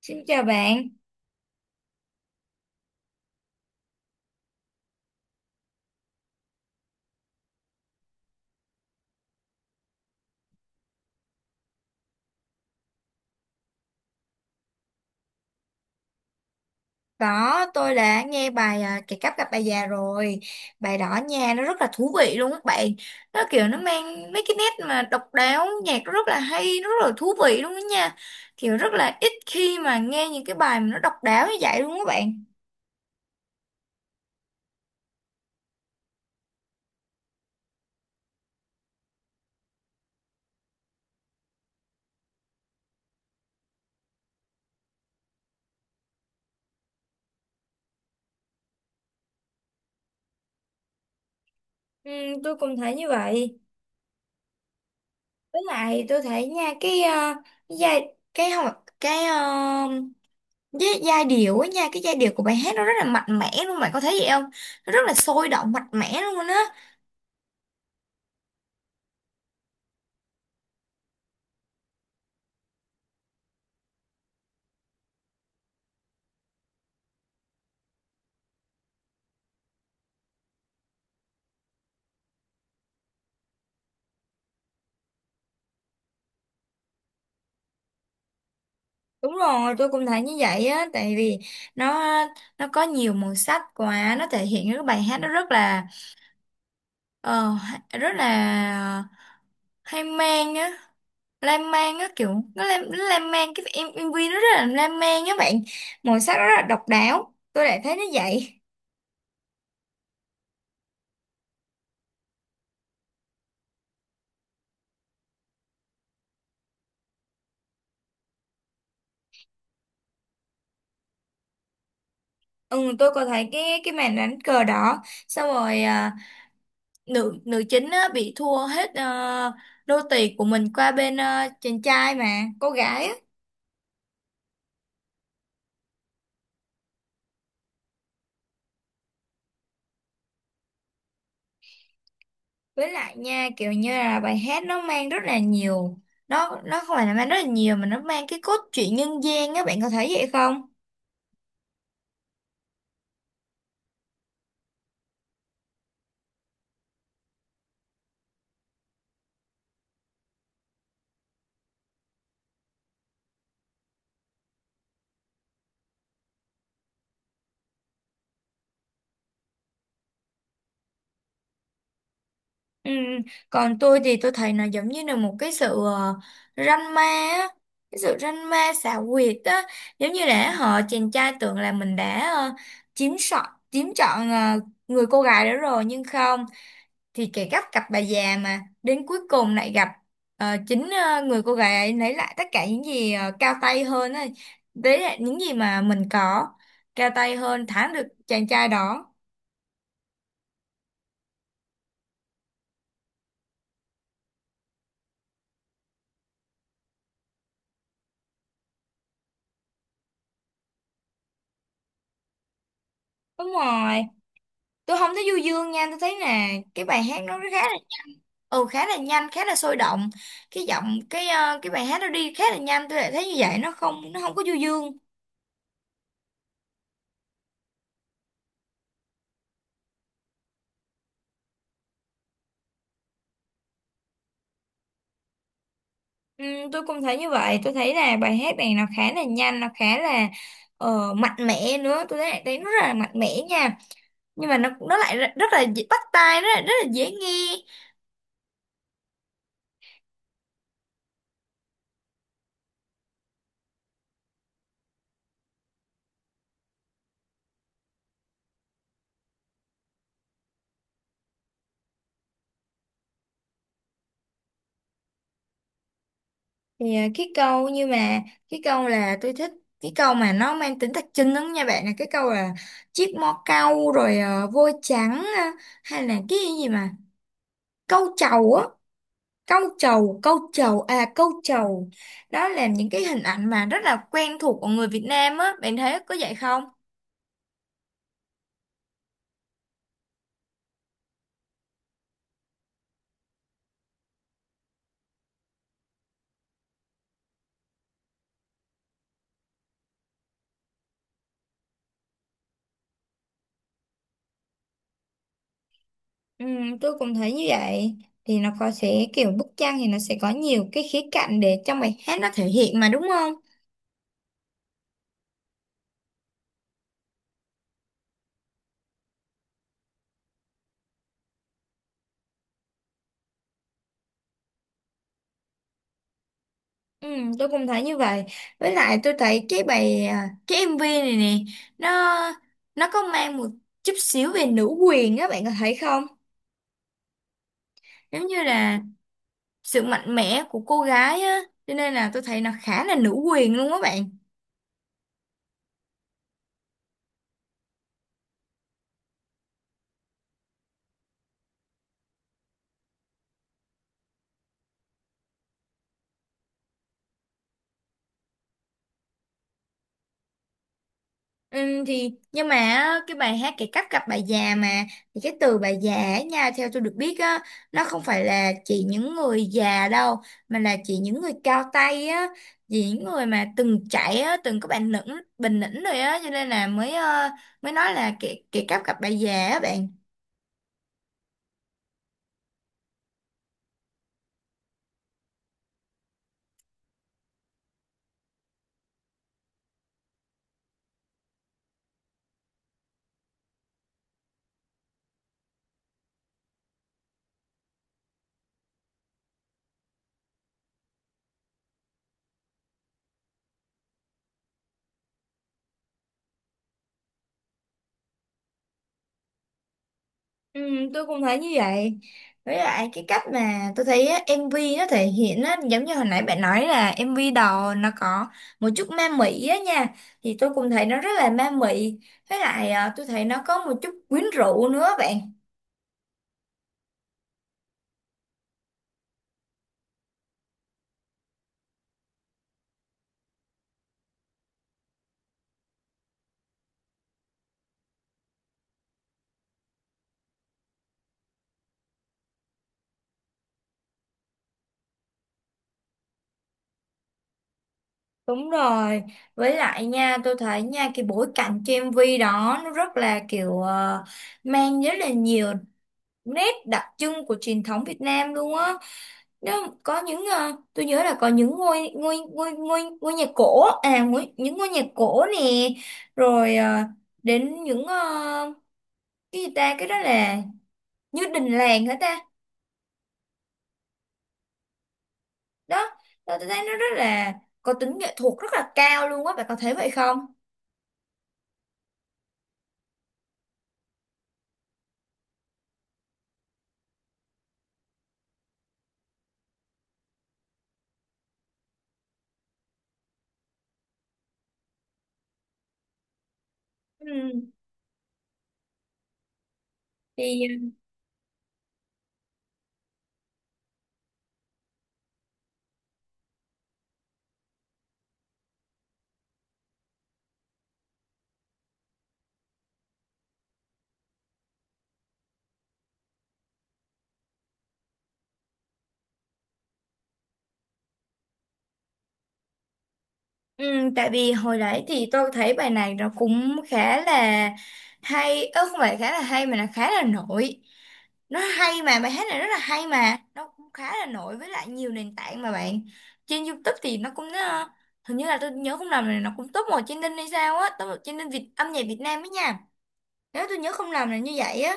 Xin chào bạn. Đó, tôi đã nghe bài Kẻ cắp gặp bà già rồi. Bài đó nha, nó rất là thú vị luôn các bạn. Nó kiểu nó mang mấy cái nét mà độc đáo, nhạc nó rất là hay, nó rất là thú vị luôn đó nha. Kiểu rất là ít khi mà nghe những cái bài mà nó độc đáo như vậy luôn các bạn. Ừ, tôi cũng thấy như vậy. Với lại tôi thấy nha, cái à, cái giai cái không cái à, cái giai điệu á nha, cái giai điệu của bài hát nó rất là mạnh mẽ luôn, bạn có thấy vậy không? Nó rất là sôi động mạnh mẽ luôn á. Đúng rồi, tôi cũng thấy như vậy á, tại vì nó nó có nhiều màu sắc quá, nó thể hiện cái bài hát nó rất là ờ, rất là hay mang á, lan man á kiểu nó lan man MV nó rất là lan man á bạn, màu sắc nó rất là độc đáo, tôi lại thấy nó vậy. Ừ, tôi có thấy cái màn đánh cờ đó, xong rồi nữ nữ chính á, bị thua hết đô tì của mình qua bên chàng trai mà, cô gái á. Với lại nha kiểu như là bài hát nó mang rất là nhiều, nó không phải là mang rất là nhiều mà nó mang cái cốt truyện nhân gian á, bạn có thấy vậy không? Ừ. Còn tôi thì tôi thấy nó giống như là một cái sự ranh ma á, cái sự ranh ma xảo quyệt á, giống như là họ chàng trai tưởng là mình đã chiếm chọn người cô gái đó rồi nhưng không, thì kể gắt cặp bà già mà đến cuối cùng lại gặp chính người cô gái ấy lấy lại tất cả những gì cao tay hơn ấy. Đấy là những gì mà mình có cao tay hơn thắng được chàng trai đó. Đúng rồi. Tôi không thấy du dương nha, tôi thấy là cái bài hát nó khá là, khá là nhanh khá là sôi động, cái giọng cái cái bài hát nó đi khá là nhanh, tôi lại thấy như vậy, nó không, nó không có du dương. Ừ, tôi cũng thấy như vậy. Tôi thấy là bài hát này nó khá là nhanh, nó khá là mạnh mẽ nữa tôi thấy, thấy nó rất là mạnh mẽ nha, nhưng mà nó lại rất, rất là dễ- bắt tai, rất là dễ nghe. Thì cái câu như mà cái câu là tôi thích, cái câu mà nó mang tính đặc trưng lắm nha bạn, là cái câu là chiếc mõ cau rồi vôi trắng hay là cái gì mà câu trầu á, câu trầu à, câu trầu. Đó là những cái hình ảnh mà rất là quen thuộc của người Việt Nam á, bạn thấy có vậy không? Ừ, tôi cũng thấy như vậy. Thì nó có sẽ kiểu bức tranh thì nó sẽ có nhiều cái khía cạnh để trong bài hát nó thể hiện mà đúng không? Ừ, tôi cũng thấy như vậy. Với lại tôi thấy cái MV này nè, nó nó có mang một chút xíu về nữ quyền á, bạn có thấy không? Giống như là sự mạnh mẽ của cô gái á, cho nên là tôi thấy nó khá là nữ quyền luôn á bạn. Ừ, thì nhưng mà á, cái bài hát cái cách gặp bà già mà, thì cái từ bà già ấy nha theo tôi được biết á, nó không phải là chỉ những người già đâu, mà là chỉ những người cao tay á, chỉ những người mà từng trải á, từng có bản lĩnh bình lĩnh rồi á, cho nên là mới mới nói là cái cách gặp bà già á bạn. Ừ, tôi cũng thấy như vậy. Với lại cái cách mà tôi thấy á, MV nó thể hiện á, giống như hồi nãy bạn nói là MV đầu nó có một chút ma mị á nha, thì tôi cũng thấy nó rất là ma mị. Với lại tôi thấy nó có một chút quyến rũ nữa bạn. Đúng rồi. Với lại nha tôi thấy nha, cái bối cảnh cho MV đó nó rất là kiểu mang rất là nhiều nét đặc trưng của truyền thống Việt Nam luôn á. Đó, có những tôi nhớ là có những ngôi ngôi ngôi ngôi ngôi nhà cổ à, ngôi, những ngôi nhà cổ nè, rồi đến những cái gì ta, cái đó là như đình làng hả ta. Đó, đó tôi thấy nó rất là có tính nghệ thuật rất là cao luôn á, bạn có thấy vậy không? Ừ. Thì ừ, tại vì hồi nãy thì tôi thấy bài này nó cũng khá là hay, ơ không phải khá là hay mà là khá là nổi. Nó hay mà, bài hát này rất là hay mà, nó cũng khá là nổi với lại nhiều nền tảng mà bạn. Trên YouTube thì nó cũng hình như là tôi nhớ không lầm là nó cũng top 1 trên Đinh hay sao á, top 1 trên Đinh Việt âm nhạc Việt Nam ấy nha. Nếu tôi nhớ không lầm là như vậy á.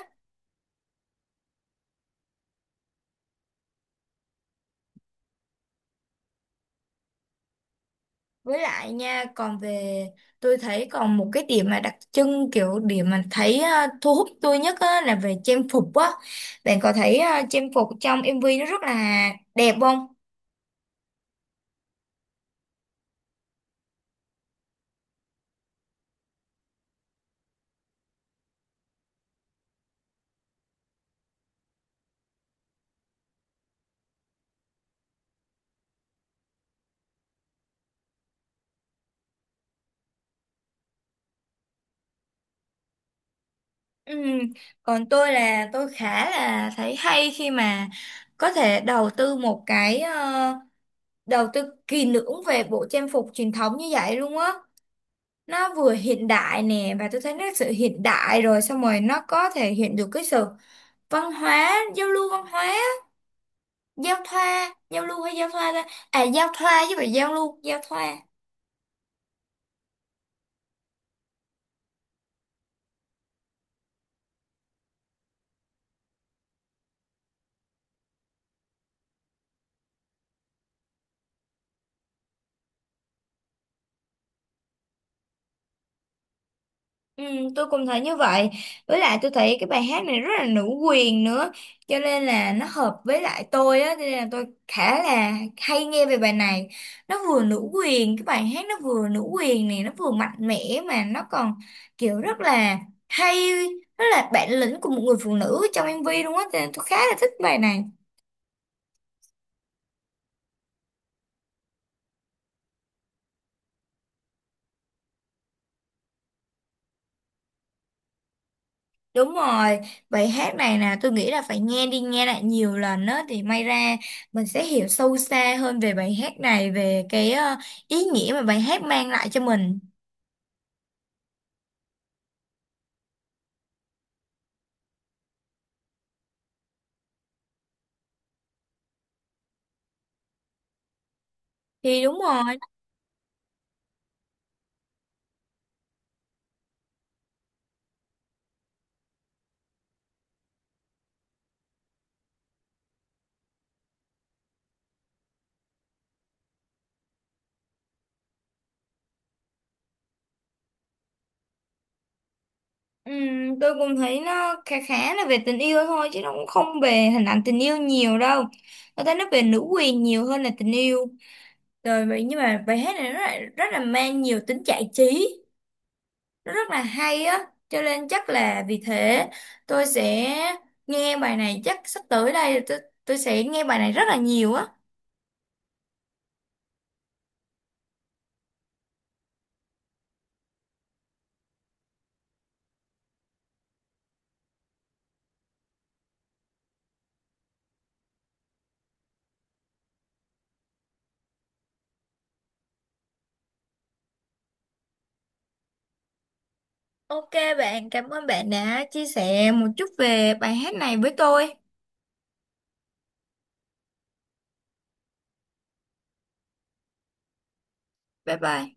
Với lại nha, còn về tôi thấy còn một cái điểm mà đặc trưng kiểu điểm mà thấy thu hút tôi nhất á, là về trang phục á. Bạn có thấy trang phục trong MV nó rất là đẹp không? Ừ. Còn tôi là tôi khá là thấy hay khi mà có thể đầu tư một cái đầu tư kỳ lưỡng về bộ trang phục truyền thống như vậy luôn á. Nó vừa hiện đại nè, và tôi thấy nó sự hiện đại, rồi xong rồi nó có thể hiện được cái sự văn hóa giao lưu văn hóa, giao thoa giao lưu hay giao thoa ta, à giao thoa chứ phải giao lưu, giao thoa. Ừ, tôi cũng thấy như vậy. Với lại tôi thấy cái bài hát này rất là nữ quyền nữa, cho nên là nó hợp với lại tôi á, cho nên là tôi khá là hay nghe về bài này. Nó vừa nữ quyền, cái bài hát nó vừa nữ quyền này, nó vừa mạnh mẽ mà nó còn kiểu rất là hay, rất là bản lĩnh của một người phụ nữ trong MV luôn á, cho nên tôi khá là thích bài này. Đúng rồi, bài hát này nè tôi nghĩ là phải nghe đi nghe lại nhiều lần á thì may ra mình sẽ hiểu sâu xa hơn về bài hát này, về cái ý nghĩa mà bài hát mang lại cho mình. Thì đúng rồi, tôi cũng thấy nó khá, khá là về tình yêu thôi chứ nó cũng không về hình ảnh tình yêu nhiều đâu. Tôi thấy nó về nữ quyền nhiều hơn là tình yêu. Rồi vậy nhưng mà bài hát này nó lại rất là mang nhiều tính giải trí. Nó rất là hay á cho nên chắc là vì thế tôi sẽ nghe bài này, chắc sắp tới đây tôi sẽ nghe bài này rất là nhiều á. Ok bạn, cảm ơn bạn đã chia sẻ một chút về bài hát này với tôi. Bye bye.